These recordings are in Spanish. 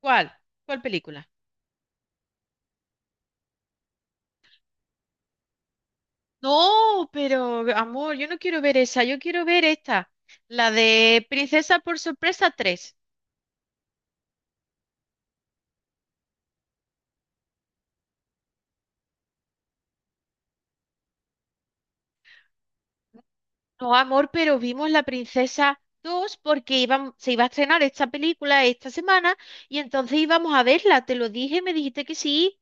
¿Cuál? ¿Cuál película? No, pero amor, yo no quiero ver esa, yo quiero ver esta, la de Princesa por Sorpresa tres. No, amor, pero vimos La Princesa dos porque se iba a estrenar esta película esta semana y entonces íbamos a verla, te lo dije, me dijiste que sí.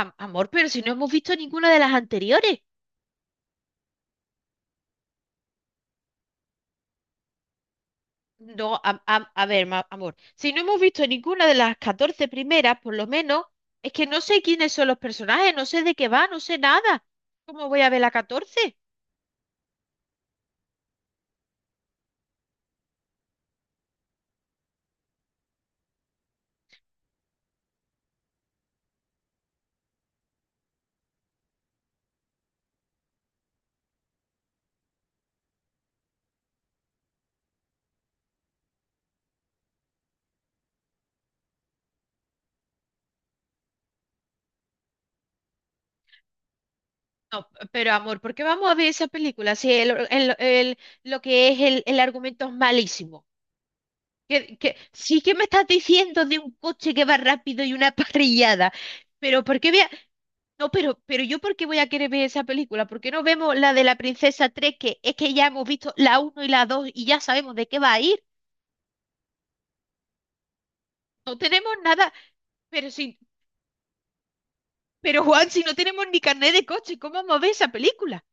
Amor, pero si no hemos visto ninguna de las anteriores. No, a ver, amor, si no hemos visto ninguna de las 14 primeras, por lo menos, es que no sé quiénes son los personajes, no sé de qué va, no sé nada. ¿Cómo voy a ver la 14? No, pero amor, ¿por qué vamos a ver esa película si lo que es el argumento es malísimo? Sí, que me estás diciendo de un coche que va rápido y una parrillada. Pero ¿por qué, voy No, pero yo, ¿por qué voy a querer ver esa película? ¿Por qué no vemos la de la princesa tres? Que es que ya hemos visto la uno y la 2 y ya sabemos de qué va a ir. No tenemos nada, pero si, pero Juan, si no tenemos ni carnet de coche, ¿cómo vamos a ver esa película?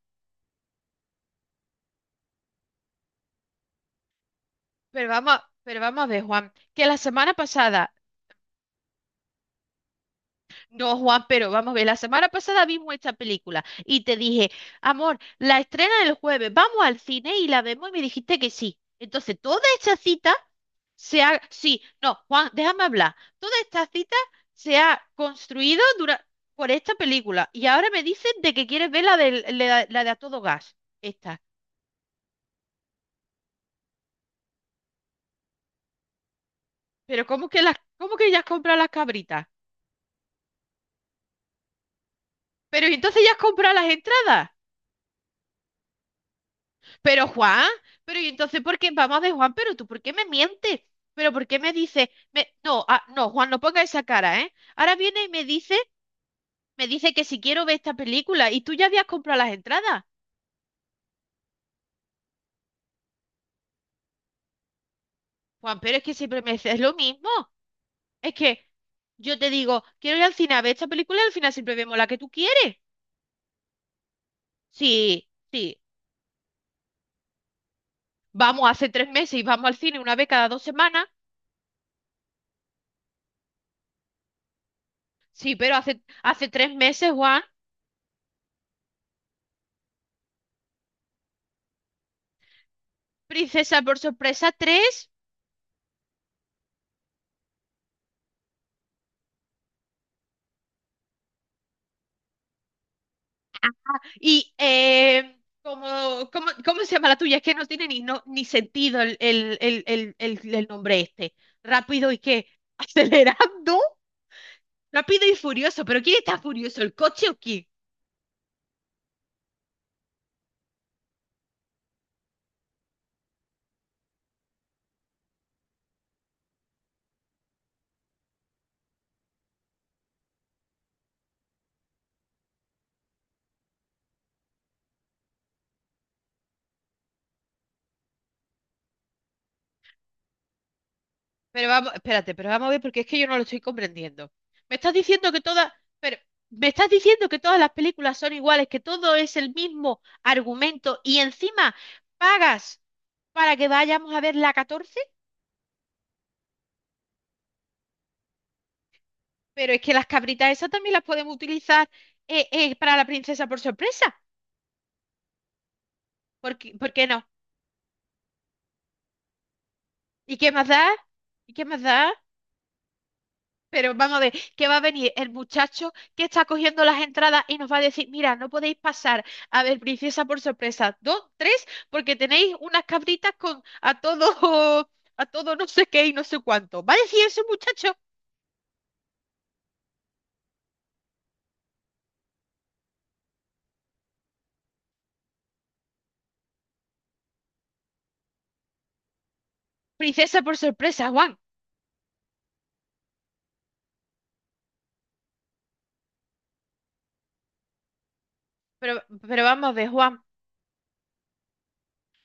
Pero vamos a ver, Juan, que la semana pasada. No, Juan, pero vamos a ver, la semana pasada vimos esta película y te dije, amor, la estrena el jueves, vamos al cine y la vemos y me dijiste que sí. Entonces, toda esta cita se ha... Sí, no, Juan, déjame hablar. Toda esta cita se ha construido por esta película y ahora me dicen de que quieres ver la de, la de A Todo Gas, esta. Pero ¿cómo que las, cómo que ya has comprado las cabritas? Pero ¿y entonces ya has comprado las entradas? Pero Juan, pero y entonces, ¿por qué? Vamos a ver, Juan, pero tú, ¿por qué me mientes? ¿Pero por qué me dice? Me... No, ah, no, Juan, no ponga esa cara, ¿eh? Ahora viene y me dice que si quiero ver esta película y tú ya habías comprado las entradas. Juan, pero es que siempre me dices lo mismo. Es que yo te digo, quiero ir al cine a ver esta película y al final siempre vemos la que tú quieres. Sí, sí. Vamos, hace 3 meses y vamos al cine una vez cada 2 semanas. Sí, pero hace tres meses, Juan. Princesa por Sorpresa tres. ¿Cómo se llama la tuya? Es que no tiene ni, ni sentido el nombre este. Rápido y qué, acelerando. Rápido y Furioso. ¿Pero quién está furioso? ¿El coche o quién? Pero vamos, espérate, pero vamos a ver porque es que yo no lo estoy comprendiendo. Me estás diciendo que todas, pero me estás diciendo que todas las películas son iguales, que todo es el mismo argumento y encima pagas para que vayamos a ver la 14. Pero es que las cabritas esas también las podemos utilizar, para la princesa por sorpresa. ¿Por qué no? ¿Y qué más da? ¿Y qué más da? Pero vamos a ver, ¿qué va a venir el muchacho que está cogiendo las entradas y nos va a decir, mira, no podéis pasar a ver princesa por sorpresa dos, tres, porque tenéis unas cabritas con a todo, a todo no sé qué y no sé cuánto? ¿Va a decir ese muchacho? Princesa por Sorpresa, Juan. Pero, pero vamos a ver, Juan.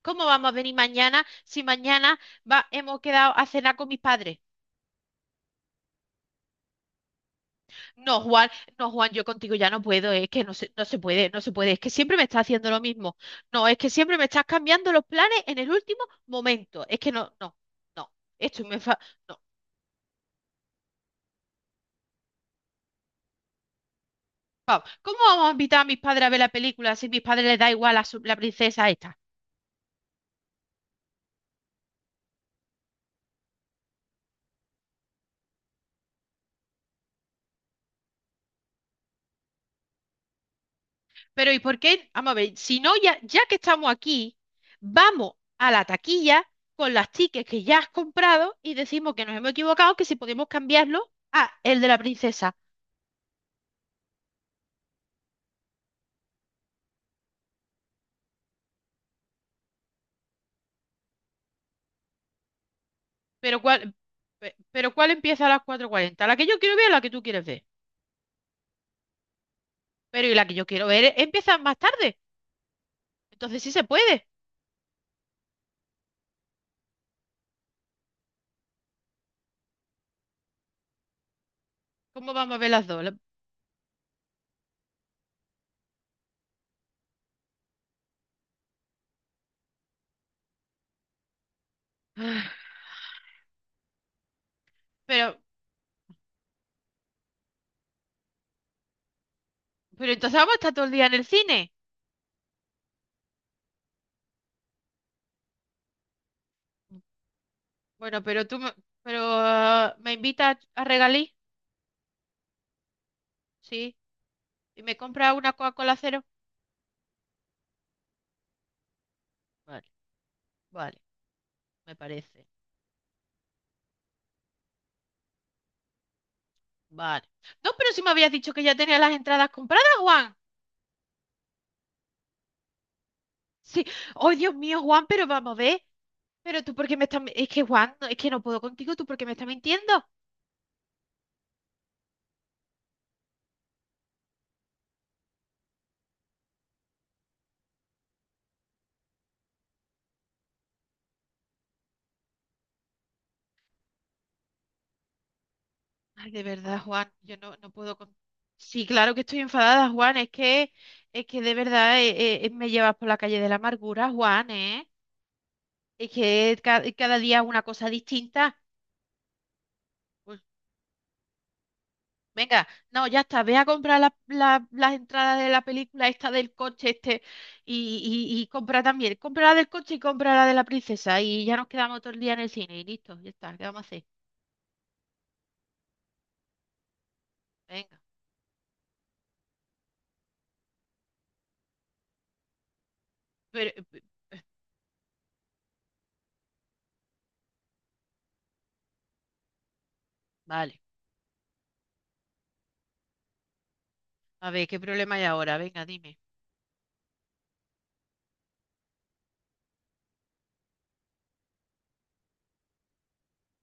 ¿Cómo vamos a venir mañana si mañana hemos quedado a cenar con mis padres? No, Juan, no, Juan, yo contigo ya no puedo, es que no se puede, no se puede, es que siempre me estás haciendo lo mismo. No, es que siempre me estás cambiando los planes en el último momento. Es que no, no, no, esto me fa... No, vamos, ¿cómo vamos a invitar a mis padres a ver la película si a mis padres les da igual la princesa esta? Pero ¿y por qué? Vamos a ver, si no, ya que estamos aquí, vamos a la taquilla con las tickets que ya has comprado y decimos que nos hemos equivocado, que si podemos cambiarlo a el de la princesa. Pero ¿cuál, pero ¿cuál empieza a las 4:40? ¿La que yo quiero ver o la que tú quieres ver? Pero y la que yo quiero ver empieza más tarde. Entonces sí se puede. ¿Cómo vamos a ver las dos? Pero, entonces vamos a estar todo el día en el cine. Bueno, pero tú me, pero, me invitas a regalí, sí, y me compras una Coca-Cola cero. Vale, vale, me parece. Vale. No, pero si me habías dicho que ya tenía las entradas compradas, Juan. Sí. Oh, Dios mío, Juan, pero vamos a ver. Pero tú, ¿por qué me estás...? Es que, Juan, es que no puedo contigo. ¿Tú por qué me estás mintiendo? Ay, de verdad, Juan, yo no, no puedo con... Sí, claro que estoy enfadada, Juan. Es que de verdad me llevas por la calle de la amargura, Juan, ¿eh? Es que cada día una cosa distinta. Pues, venga, no, ya está, ve a comprar las entradas de la película esta del coche este compra también, compra la del coche y compra la de la princesa y ya nos quedamos todo el día en el cine y listo, ya está, ¿qué vamos a hacer? Venga, pero, vale, a ver, ¿qué problema hay ahora? Venga, dime.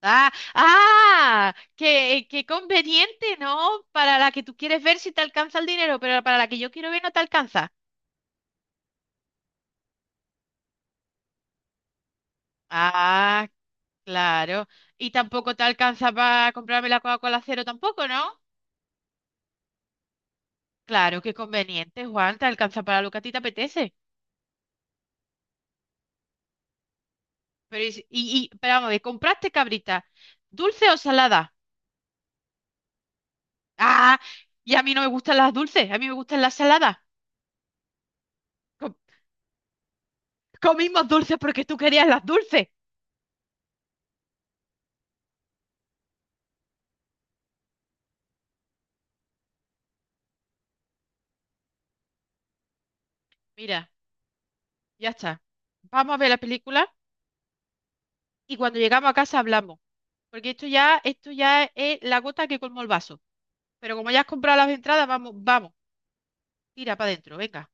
Ah, ah, qué conveniente, ¿no? Para la que tú quieres ver si te alcanza el dinero, pero para la que yo quiero ver no te alcanza. Ah, claro. Y tampoco te alcanza para comprarme la Coca-Cola cero tampoco, ¿no? Claro, qué conveniente, Juan, te alcanza para lo que a ti te apetece. Pero, pero vamos a ver, ¿compraste cabrita? ¿Dulce o salada? Ah, y a mí no me gustan las dulces, a mí me gustan las saladas. Com- Comimos dulces porque tú querías las dulces. Mira, ya está. Vamos a ver la película y cuando llegamos a casa hablamos. Porque esto ya es la gota que colmó el vaso. Pero como ya has comprado las entradas, vamos, vamos, tira para adentro, venga.